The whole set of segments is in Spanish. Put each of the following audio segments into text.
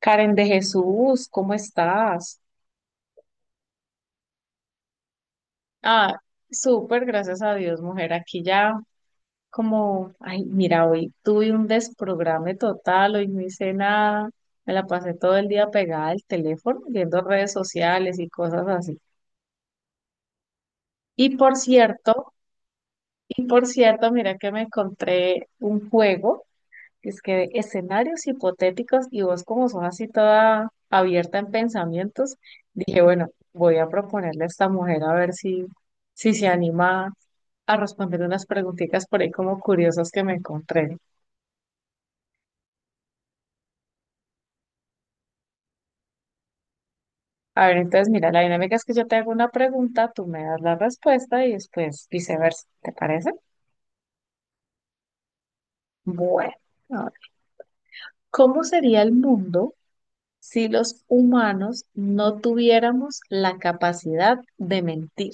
Karen de Jesús, ¿cómo estás? Ah, súper, gracias a Dios, mujer. Aquí ya como, ay, mira, hoy tuve un desprograme total, hoy no hice nada, me la pasé todo el día pegada al teléfono, viendo redes sociales y cosas así. Y por cierto, mira que me encontré un juego. Es que escenarios hipotéticos y vos como sos así toda abierta en pensamientos, dije, bueno, voy a proponerle a esta mujer a ver si, si se anima a responder unas preguntitas por ahí como curiosas que me encontré. A ver, entonces mira, la dinámica es que yo te hago una pregunta, tú me das la respuesta y después viceversa, ¿te parece? Bueno, a ver, ¿cómo sería el mundo si los humanos no tuviéramos la capacidad de mentir?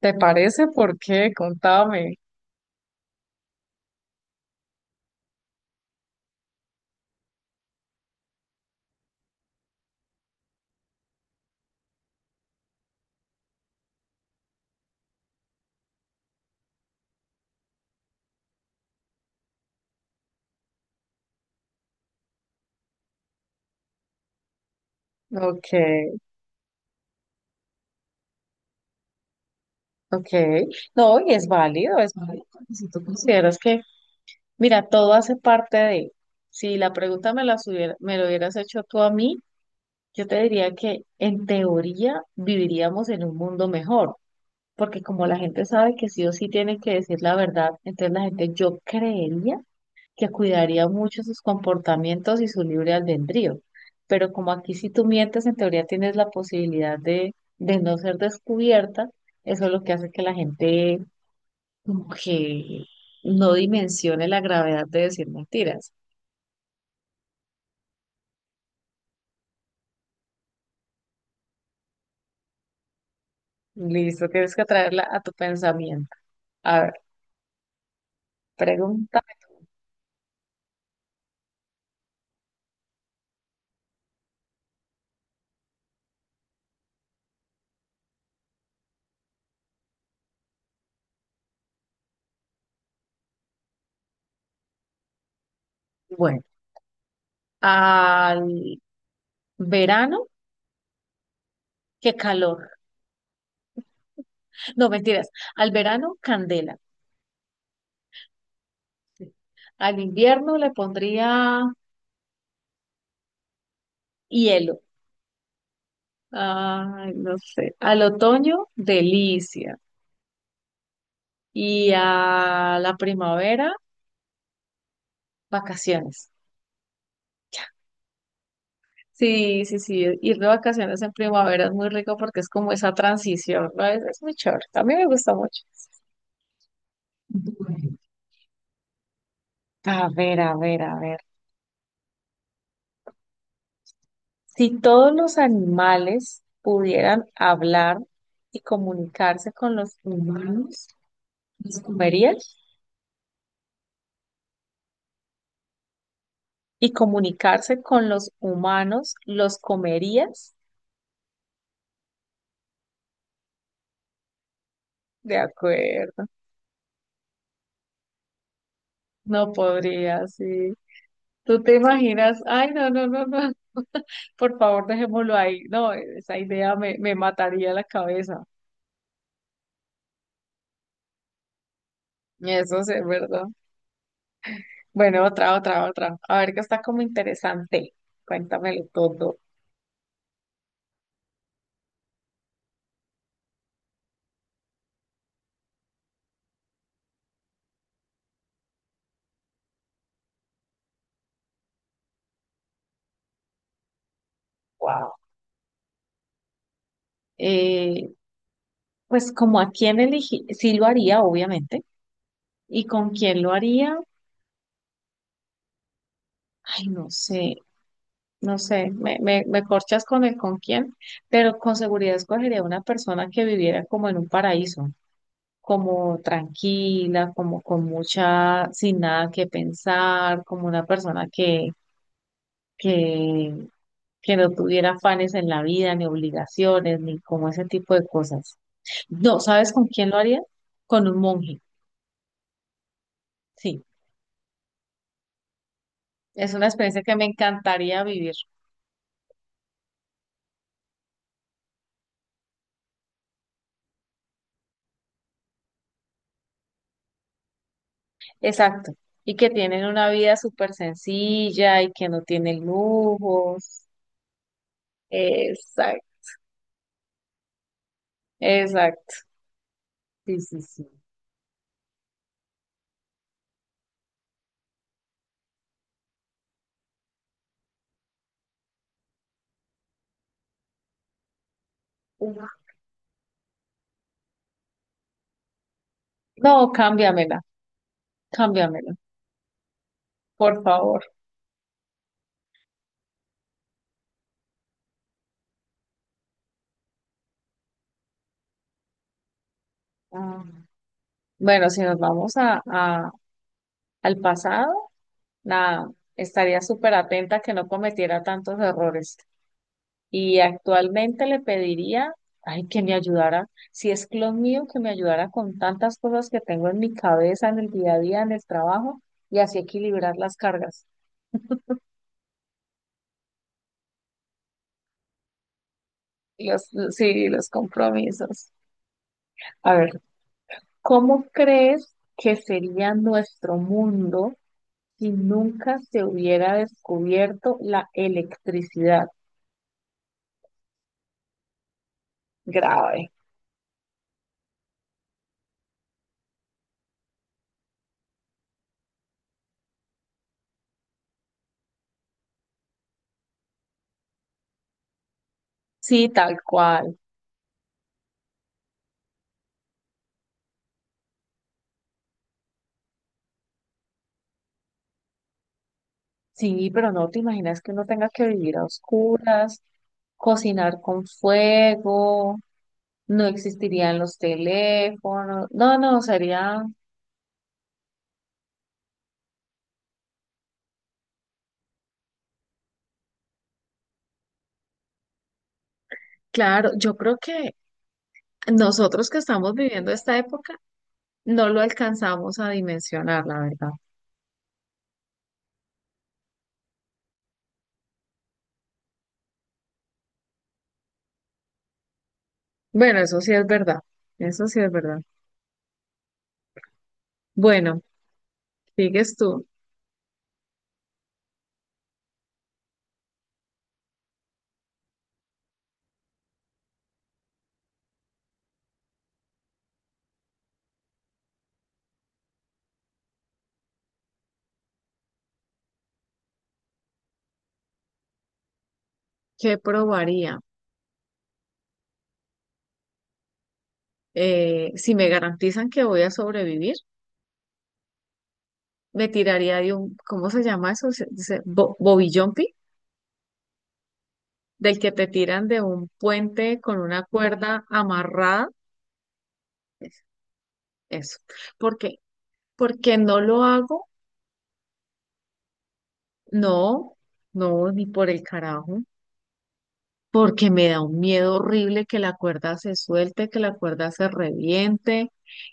¿Te parece? ¿Por qué? Contame. Ok, ok. No, y es válido, es válido. Porque si tú consideras que, mira, todo hace parte de, si la pregunta me la hubiera, me lo hubieras hecho tú a mí, yo te diría que en teoría viviríamos en un mundo mejor, porque como la gente sabe que sí o sí tiene que decir la verdad, entonces la gente, yo creería que cuidaría mucho sus comportamientos y su libre albedrío. Pero como aquí si tú mientes, en teoría tienes la posibilidad de no ser descubierta, eso es lo que hace que la gente como que no dimensione la gravedad de decir mentiras. Listo, tienes que traerla a tu pensamiento. A ver, pregúntame tú. Bueno, al verano, qué calor. No, mentiras. Al verano, candela. Al invierno le pondría hielo. Ay, no sé. Al otoño, delicia. Y a la primavera, vacaciones. Sí, sí, sí. Ir de vacaciones en primavera es muy rico porque es como esa transición, ¿no? Es muy chévere. A mí me gusta mucho. Bueno, a ver, a ver, a ver. Si todos los animales pudieran hablar y comunicarse con los humanos, ¿los comerías? ¿Y comunicarse con los humanos, los comerías? De acuerdo. No podría, sí. ¿Tú te imaginas? Ay, no, no, no, no. Por favor, dejémoslo ahí. No, esa idea me mataría la cabeza. Eso sí es verdad. Bueno, otra, otra, otra. A ver, que está como interesante. Cuéntamelo todo. Wow. Eh, pues como a quién elegí, sí lo haría, obviamente. ¿Y con quién lo haría? Ay, no sé, no sé. Me corchas con el con quién, pero con seguridad escogería una persona que viviera como en un paraíso. Como tranquila, como con mucha, sin nada que pensar, como una persona que, que no tuviera afanes en la vida, ni obligaciones, ni como ese tipo de cosas. No, ¿sabes con quién lo haría? Con un monje, sí. Es una experiencia que me encantaría vivir. Exacto. Y que tienen una vida súper sencilla y que no tienen lujos. Exacto, exacto. Sí, sí, sí. Uf. No, cámbiamela, cámbiamela, por favor. Ah, Bueno, si nos vamos al pasado, nada, estaría súper atenta a que no cometiera tantos errores. Y actualmente le pediría, ay, que me ayudara, si es clon mío, que me ayudara con tantas cosas que tengo en mi cabeza, en el día a día, en el trabajo, y así equilibrar las cargas, y los, sí, los compromisos. A ver, ¿cómo crees que sería nuestro mundo si nunca se hubiera descubierto la electricidad? Grave. Sí, tal cual. Sí, pero no te imaginas que uno tenga que vivir a oscuras, cocinar con fuego, no existirían los teléfonos. No, no, sería... Claro, yo creo que nosotros que estamos viviendo esta época no lo alcanzamos a dimensionar, la verdad. Bueno, eso sí es verdad, eso sí es verdad. Bueno, sigues tú, ¿qué probaría? Si me garantizan que voy a sobrevivir, me tiraría de un, ¿cómo se llama eso? Bobby jumping, del que te tiran de un puente con una cuerda amarrada. Es- Eso. ¿Por qué? Porque no lo hago, no, no, ni por el carajo, porque me da un miedo horrible que la cuerda se suelte, que la cuerda se reviente,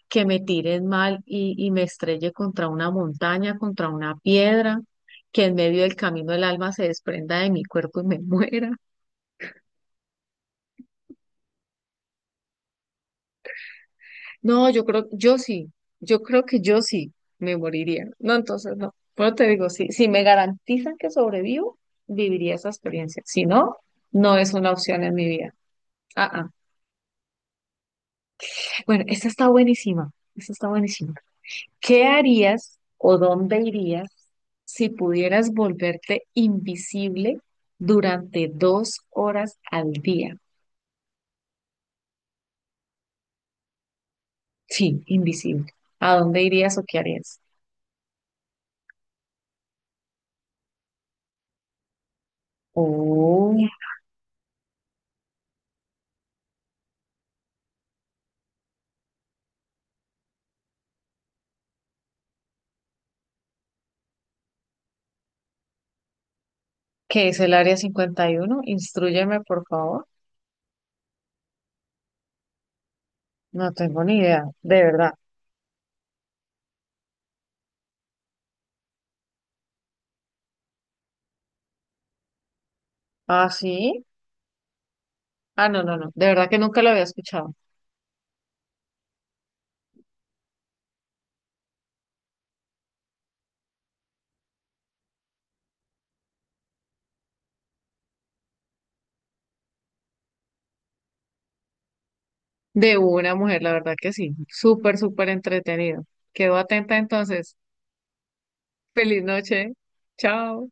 que me tiren mal y me estrelle contra una montaña, contra una piedra, que en medio del camino el alma se desprenda de mi cuerpo y me muera. No, yo creo, yo sí, yo creo que yo sí me moriría. No, entonces no. Bueno, te digo, si, si me garantizan que sobrevivo, viviría esa experiencia. Si no, no es una opción en mi vida. Ah, ah. Bueno, esta está buenísima. Esta está buenísima. ¿Qué harías o dónde irías si pudieras volverte invisible durante 2 horas al día? Sí, invisible. ¿A dónde irías o qué harías? Oh. ¿Qué es el área 51? Instrúyeme, por favor. No tengo ni idea, de verdad. ¿Ah, sí? Ah, no, no, no. De verdad que nunca lo había escuchado. De una mujer, la verdad que sí. Súper, súper entretenido. Quedo atenta entonces. Feliz noche. Chao.